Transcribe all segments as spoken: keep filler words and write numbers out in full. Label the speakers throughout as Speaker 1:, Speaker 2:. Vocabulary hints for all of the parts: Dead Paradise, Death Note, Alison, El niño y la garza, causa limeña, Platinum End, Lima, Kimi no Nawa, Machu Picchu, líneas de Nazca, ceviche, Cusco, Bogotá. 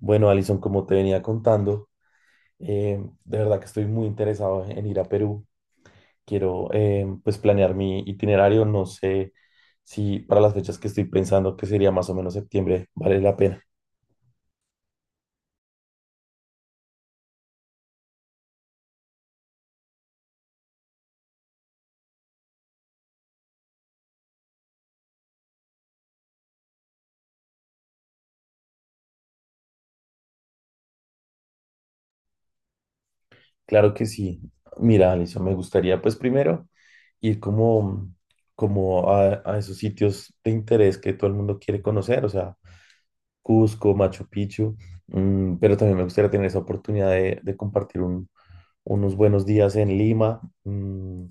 Speaker 1: Bueno, Alison, como te venía contando, eh, de verdad que estoy muy interesado en ir a Perú. Quiero eh, pues planear mi itinerario. No sé si para las fechas que estoy pensando, que sería más o menos septiembre, vale la pena. Claro que sí. Mira, Alison, me gustaría pues primero ir como, como a, a esos sitios de interés que todo el mundo quiere conocer, o sea, Cusco, Machu Picchu, mm, pero también me gustaría tener esa oportunidad de, de compartir un- unos buenos días en Lima. mm,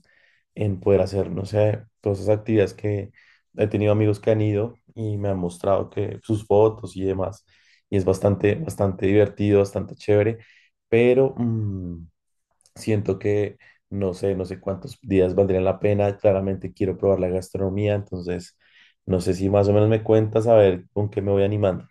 Speaker 1: En poder hacer, no sé, todas esas actividades que he tenido amigos que han ido y me han mostrado que sus fotos y demás, y es bastante, bastante divertido, bastante chévere, pero mm, siento que no sé, no sé cuántos días valdrían la pena. Claramente quiero probar la gastronomía, entonces no sé si más o menos me cuentas a ver con qué me voy animando.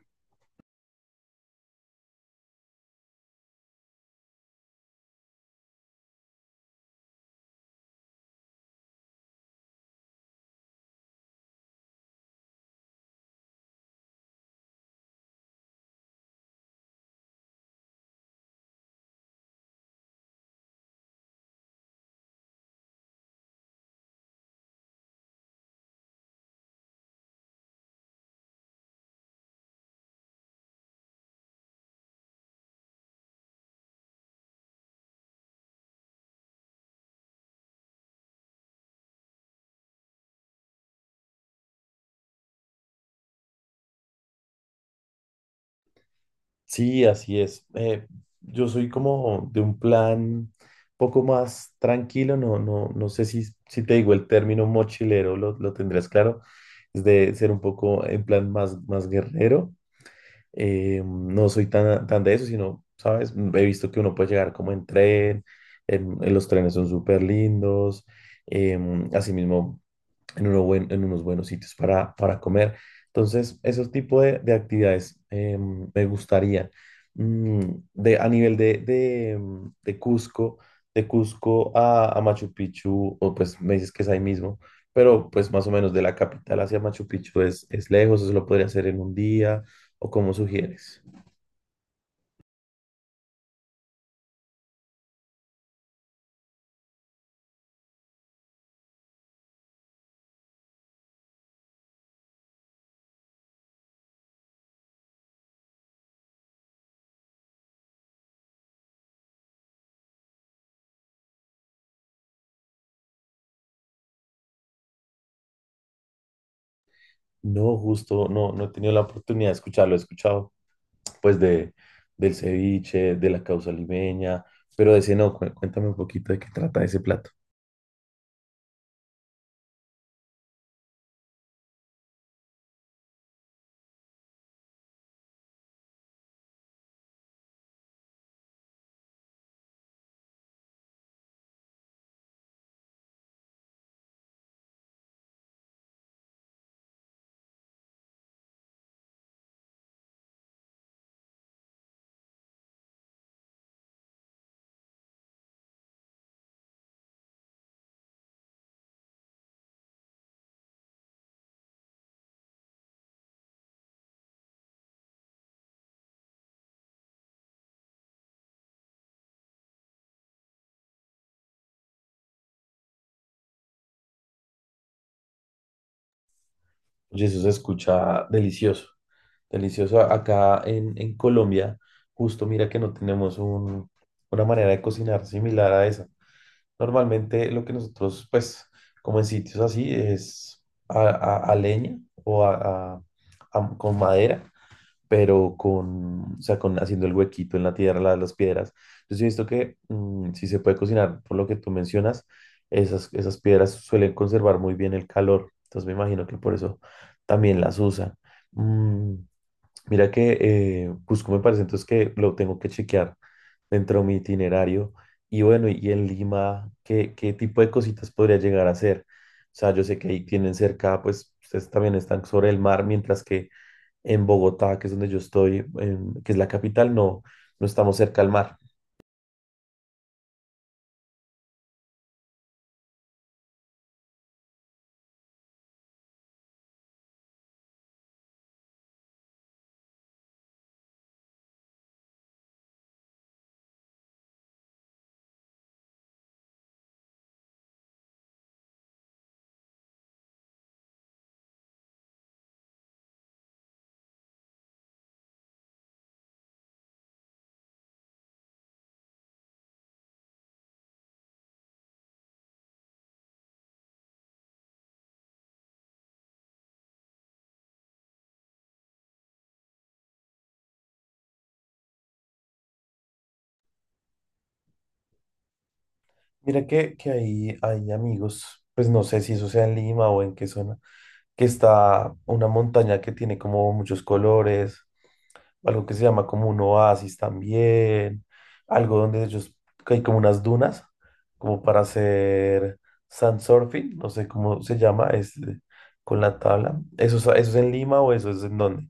Speaker 1: Sí, así es. Eh, yo soy como de un plan poco más tranquilo. No, no, no sé si, si te digo el término mochilero, lo, lo tendrás claro, es de ser un poco en plan más, más guerrero. Eh, no soy tan, tan de eso, sino, ¿sabes? He visto que uno puede llegar como en tren, en, en los trenes son súper lindos, em, asimismo en, uno buen- en unos buenos sitios para, para comer. Entonces, esos tipos de, de actividades eh, me gustaría. Mm, de, a nivel de, de, mm, de Cusco, de Cusco a, a Machu Picchu, o pues me dices que es ahí mismo, pero pues más o menos de la capital hacia Machu Picchu es, es lejos, eso lo podría hacer en un día, o como sugieres. No, justo, no, no he tenido la oportunidad de escucharlo, he escuchado pues de, del ceviche, de la causa limeña, pero de ese no, cu- cuéntame un poquito de qué trata ese plato. Oye, eso se escucha delicioso, delicioso. A- Acá en, en Colombia, justo mira que no tenemos un- una manera de cocinar similar a esa. Normalmente lo que nosotros, pues, como en sitios así, es a, a- a leña o a, a- a- con madera pero con, o sea, con haciendo el huequito en la tierra, la- las piedras. Entonces he visto que mm, si se puede cocinar, por lo que tú mencionas, esas, esas piedras suelen conservar muy bien el calor. Entonces me imagino que por eso también las usan. Mm, mira que eh, Cusco me parece entonces que lo tengo que chequear dentro de mi itinerario. Y bueno, y en Lima, ¿qué, qué tipo de cositas podría llegar a hacer? O sea, yo sé que ahí tienen cerca, pues ustedes también están sobre el mar, mientras que en Bogotá, que es donde yo estoy, en- que es la capital, no, no estamos cerca al mar. Mira que, que ahí hay amigos, pues no sé si eso sea en Lima o en qué zona, que está una montaña que tiene como muchos colores, algo que se llama como un oasis también, algo donde ellos, que hay como unas dunas, como para hacer sandsurfing, no sé cómo se llama, es eh, con la tabla. ¿Eso, es- eso es en Lima o eso es en dónde?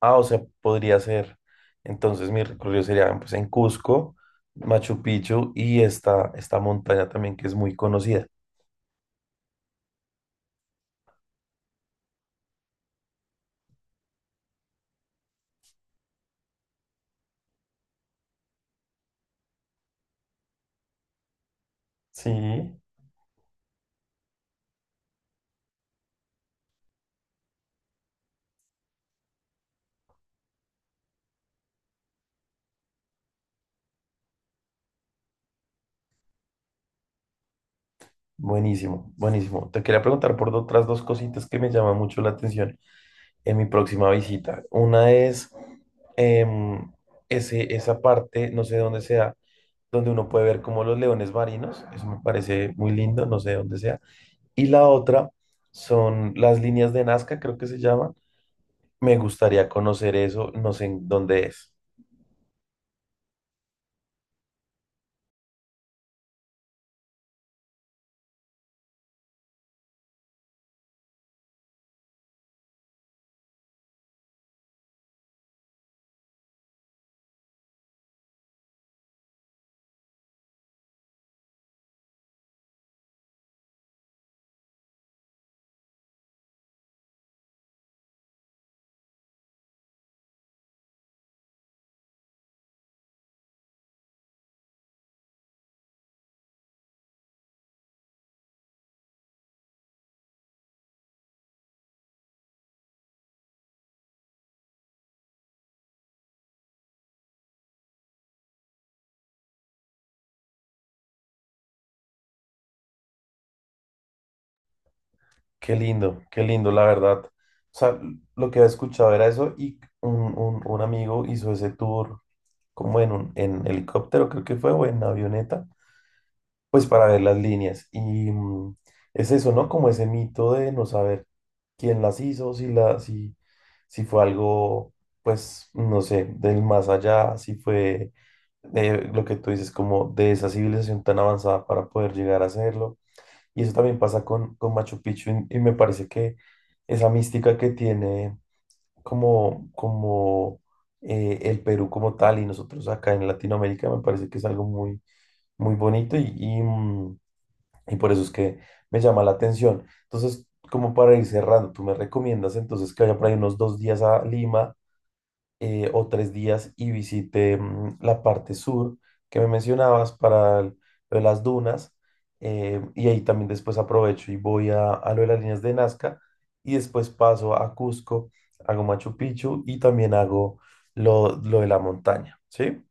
Speaker 1: Ah, o sea, podría ser. Entonces mi recorrido sería pues, en Cusco, Machu Picchu y esta, esta montaña también que es muy conocida. Sí. Buenísimo, buenísimo. Te quería preguntar por otras dos cositas que me llaman mucho la atención en mi próxima visita. Una es em, ese, esa parte, no sé dónde sea, donde uno puede ver como los leones marinos. Eso me parece muy lindo, no sé dónde sea. Y la otra son las líneas de Nazca, creo que se llama. Me gustaría conocer eso, no sé en dónde es. Qué lindo, qué lindo, la verdad. O sea, lo que había escuchado era eso y un, un- un amigo hizo ese tour como en un en helicóptero, creo que fue, o en avioneta, pues para ver las líneas. Y mm, es eso, ¿no? Como ese mito de no saber quién las hizo, si, la, si, si fue algo, pues, no sé, del más allá, si fue eh, lo que tú dices, como de esa civilización tan avanzada para poder llegar a hacerlo. Y eso también pasa con, con Machu Picchu y, y me parece que esa mística que tiene como, como eh, el Perú como tal y nosotros acá en Latinoamérica me parece que es algo muy, muy bonito y, y, mm, y por eso es que me llama la atención. Entonces, como para ir cerrando, tú me recomiendas entonces que vaya por ahí unos dos días a Lima eh, o tres días y visité mm, la parte sur que me mencionabas para el- lo de las dunas. Eh, y ahí también después aprovecho y voy a, a lo de las líneas de Nazca y después paso a Cusco, hago Machu Picchu y también hago lo, lo de la montaña, ¿sí?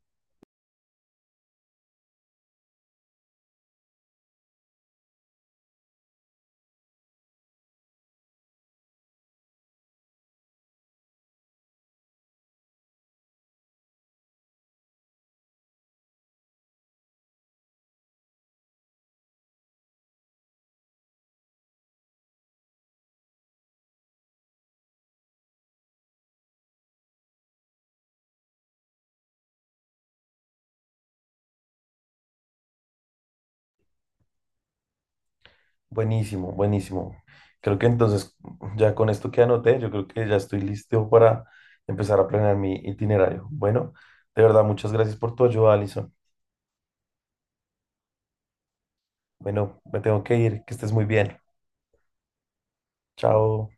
Speaker 1: Buenísimo, buenísimo. Creo que entonces ya con esto que anoté, yo creo que ya estoy listo para empezar a planear mi itinerario. Bueno, de verdad, muchas gracias por tu ayuda, Alison. Bueno, me tengo que ir, que estés muy bien. Chao.